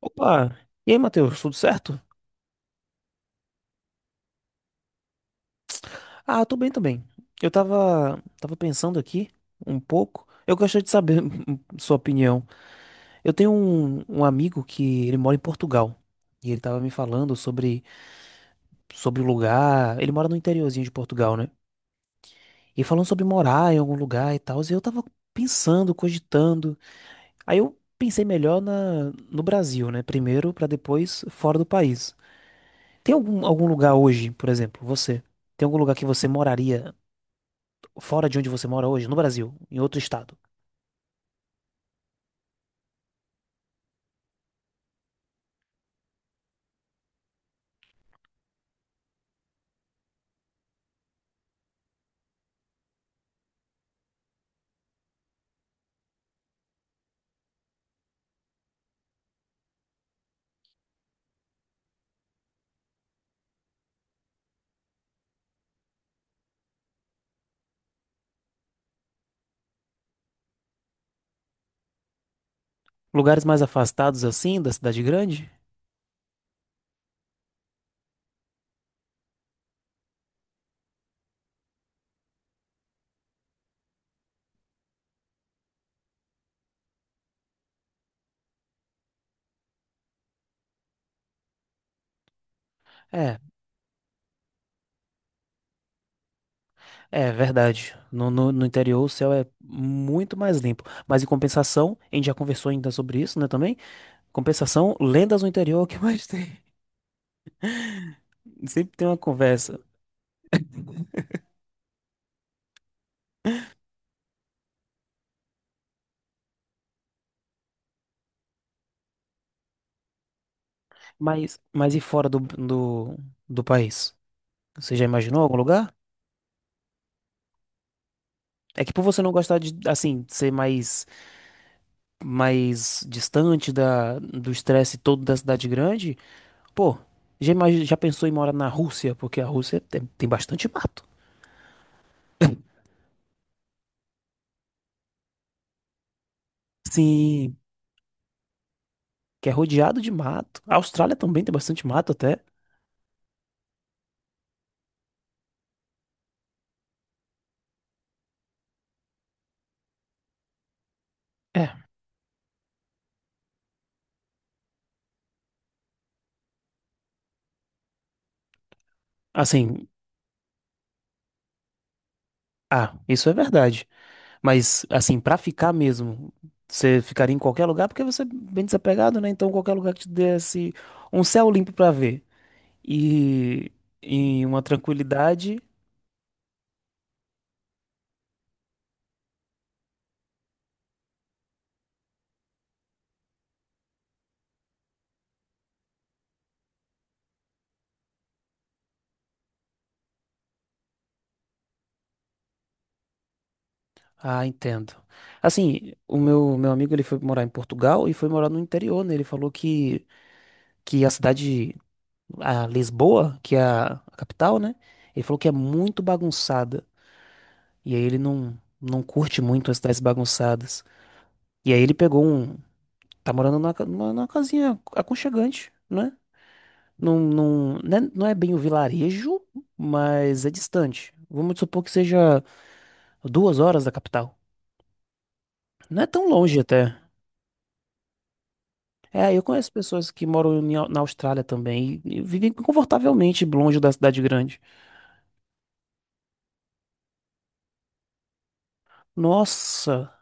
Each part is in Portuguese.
Opa! E aí, Matheus, tudo certo? Ah, tô bem também. Eu tava pensando aqui um pouco. Eu gostaria de saber sua opinião. Eu tenho um amigo que ele mora em Portugal. E ele tava me falando sobre o lugar. Ele mora no interiorzinho de Portugal, né? E falando sobre morar em algum lugar e tal. E eu tava pensando, cogitando. Aí eu pensei melhor no Brasil, né? Primeiro, pra depois fora do país. Tem algum lugar hoje, por exemplo, você? Tem algum lugar que você moraria fora de onde você mora hoje, no Brasil, em outro estado. Lugares mais afastados assim da cidade grande? É, é verdade. No interior o céu é muito mais limpo. Mas em compensação, a gente já conversou ainda sobre isso, né, também? Compensação, lendas no interior, o que mais tem? Sempre tem uma conversa. Mas e fora do país? Você já imaginou algum lugar? É que por você não gostar de, assim, ser mais distante do estresse todo da cidade grande. Pô, já pensou em morar na Rússia? Porque a Rússia tem bastante mato. Sim, que é rodeado de mato. A Austrália também tem bastante mato até. É, assim, ah, isso é verdade. Mas, assim, pra ficar mesmo, você ficaria em qualquer lugar porque você é bem desapegado, né? Então, qualquer lugar que te desse um céu limpo pra ver e uma tranquilidade. Ah, entendo. Assim, o meu amigo ele foi morar em Portugal e foi morar no interior, né? Ele falou que a cidade, a Lisboa, que é a capital, né? Ele falou que é muito bagunçada. E aí ele não curte muito as cidades bagunçadas. E aí ele pegou um. Tá morando numa casinha aconchegante, né? Não, né, não é bem o vilarejo, mas é distante. Vamos supor que seja 2 horas da capital. Não é tão longe até. É, eu conheço pessoas que moram na Austrália também e vivem confortavelmente longe da cidade grande. Nossa,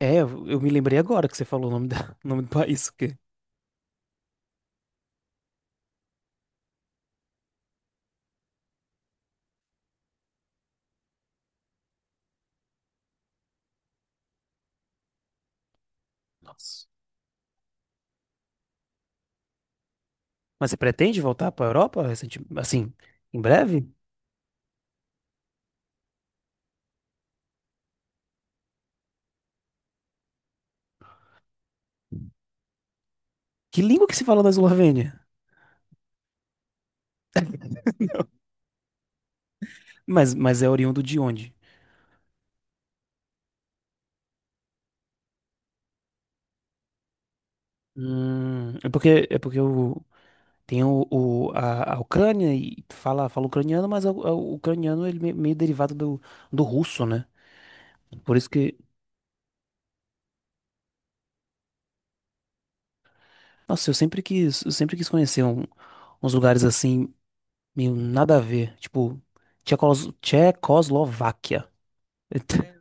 é, eu me lembrei agora que você falou o nome, da, o nome do país. O quê? Nossa. Mas você pretende voltar para a Europa recente, assim, em breve? Que língua que se fala na Eslovênia? Mas é oriundo de onde? É porque eu tenho a Ucrânia e fala ucraniano, mas o ucraniano ele meio derivado do russo, né? Por isso que, nossa, eu sempre quis conhecer uns lugares assim meio nada a ver, tipo Tchecos, Tchecoslováquia.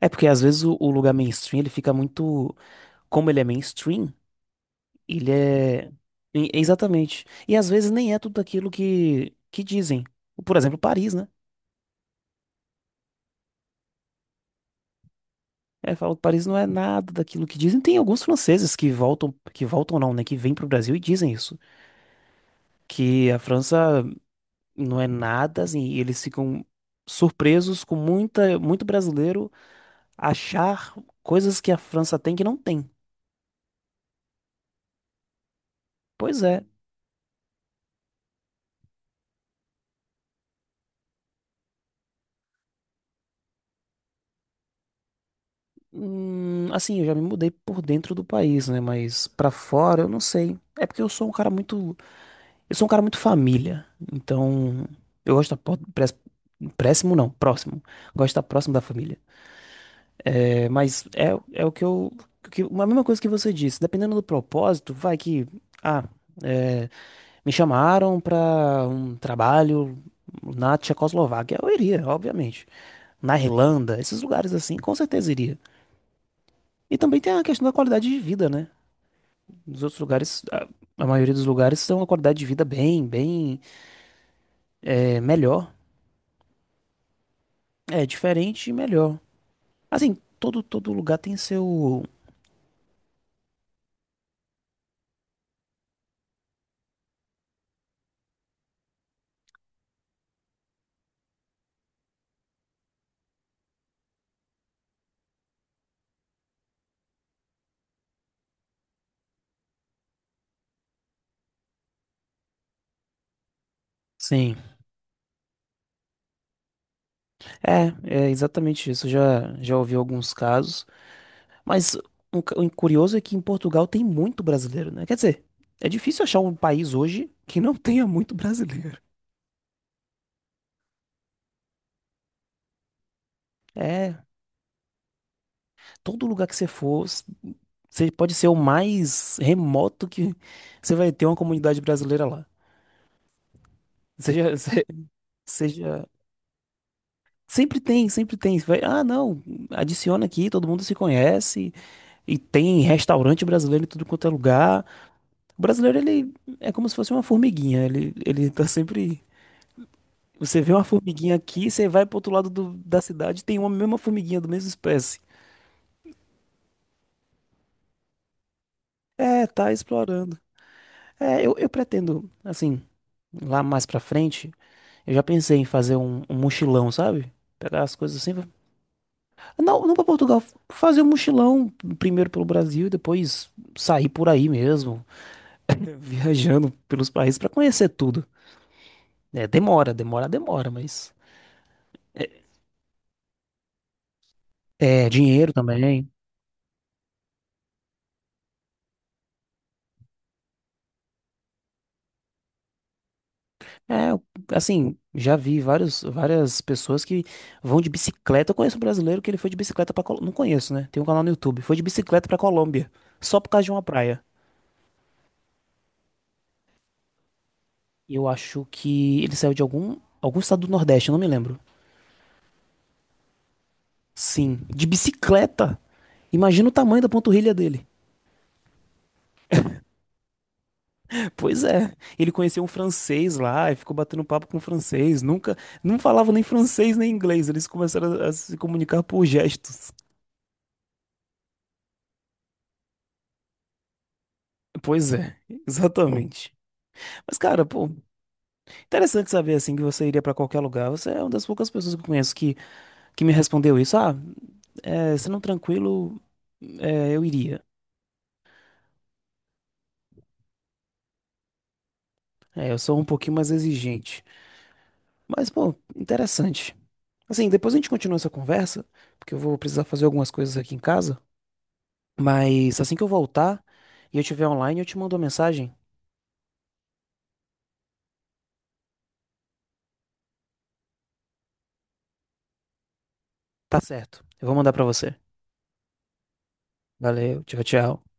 É porque às vezes o lugar mainstream ele fica muito. Como ele é mainstream, ele é. Exatamente. E às vezes nem é tudo aquilo que dizem. Por exemplo, Paris, né? É, falam que Paris não é nada daquilo que dizem. Tem alguns franceses que voltam não, né? Que vêm pro Brasil e dizem isso. Que a França não é nada, assim, e eles ficam surpresos com muito brasileiro achar coisas que a França tem que não tem. Pois é. Assim, eu já me mudei por dentro do país, né? Mas pra fora eu não sei. É porque eu sou um cara muito, eu sou um cara muito família. Então, eu gosto de estar próximo, não, próximo. Gosto de estar próximo da família. É, mas é o que a mesma coisa que você disse. Dependendo do propósito, vai que, ah, é, me chamaram pra um trabalho na Tchecoslováquia, eu iria, obviamente. Na Irlanda, esses lugares assim, com certeza iria. E também tem a questão da qualidade de vida, né? Nos outros lugares, a maioria dos lugares tem uma qualidade de vida bem, é, melhor. É diferente e melhor. Assim, todo lugar tem seu. Sim, é, é exatamente isso. Eu já ouvi alguns casos, mas o curioso é que em Portugal tem muito brasileiro, né? Quer dizer, é difícil achar um país hoje que não tenha muito brasileiro. É, todo lugar que você for, você pode ser o mais remoto que você vai ter uma comunidade brasileira lá. Seja, se- seja Sempre tem, sempre tem. Você vai, ah, não, adiciona aqui, todo mundo se conhece. E tem restaurante brasileiro em tudo quanto é lugar. O brasileiro, ele é como se fosse uma formiguinha. Ele tá sempre. Você vê uma formiguinha aqui, você vai pro outro lado da cidade, tem uma mesma formiguinha, do mesmo espécie. É, tá explorando. É, eu pretendo, assim, lá mais pra frente, eu já pensei em fazer um mochilão, sabe? Pegar as coisas assim, não, não para Portugal, fazer um mochilão primeiro pelo Brasil e depois sair por aí mesmo, viajando pelos países para conhecer tudo. É, demora, mas é, é, dinheiro também. É, assim, já vi várias pessoas que vão de bicicleta. Eu conheço um brasileiro que ele foi de bicicleta para Colômbia. Não conheço, né? Tem um canal no YouTube. Foi de bicicleta para Colômbia, só por causa de uma praia. Eu acho que ele saiu de algum estado do Nordeste, eu não me lembro. Sim, de bicicleta. Imagina o tamanho da panturrilha dele. Pois é, ele conheceu um francês lá e ficou batendo papo com o francês. Nunca, não falava nem francês nem inglês. Eles começaram a se comunicar por gestos. Pois é, exatamente. Mas cara, pô, interessante saber assim que você iria pra qualquer lugar. Você é uma das poucas pessoas que eu conheço que me respondeu isso. Ah, é, sendo tranquilo, é, eu iria. É, eu sou um pouquinho mais exigente. Mas pô, interessante. Assim, depois a gente continua essa conversa, porque eu vou precisar fazer algumas coisas aqui em casa. Mas assim que eu voltar e eu estiver online, eu te mando uma mensagem. Tá certo. Eu vou mandar pra você. Valeu, tchau, tchau.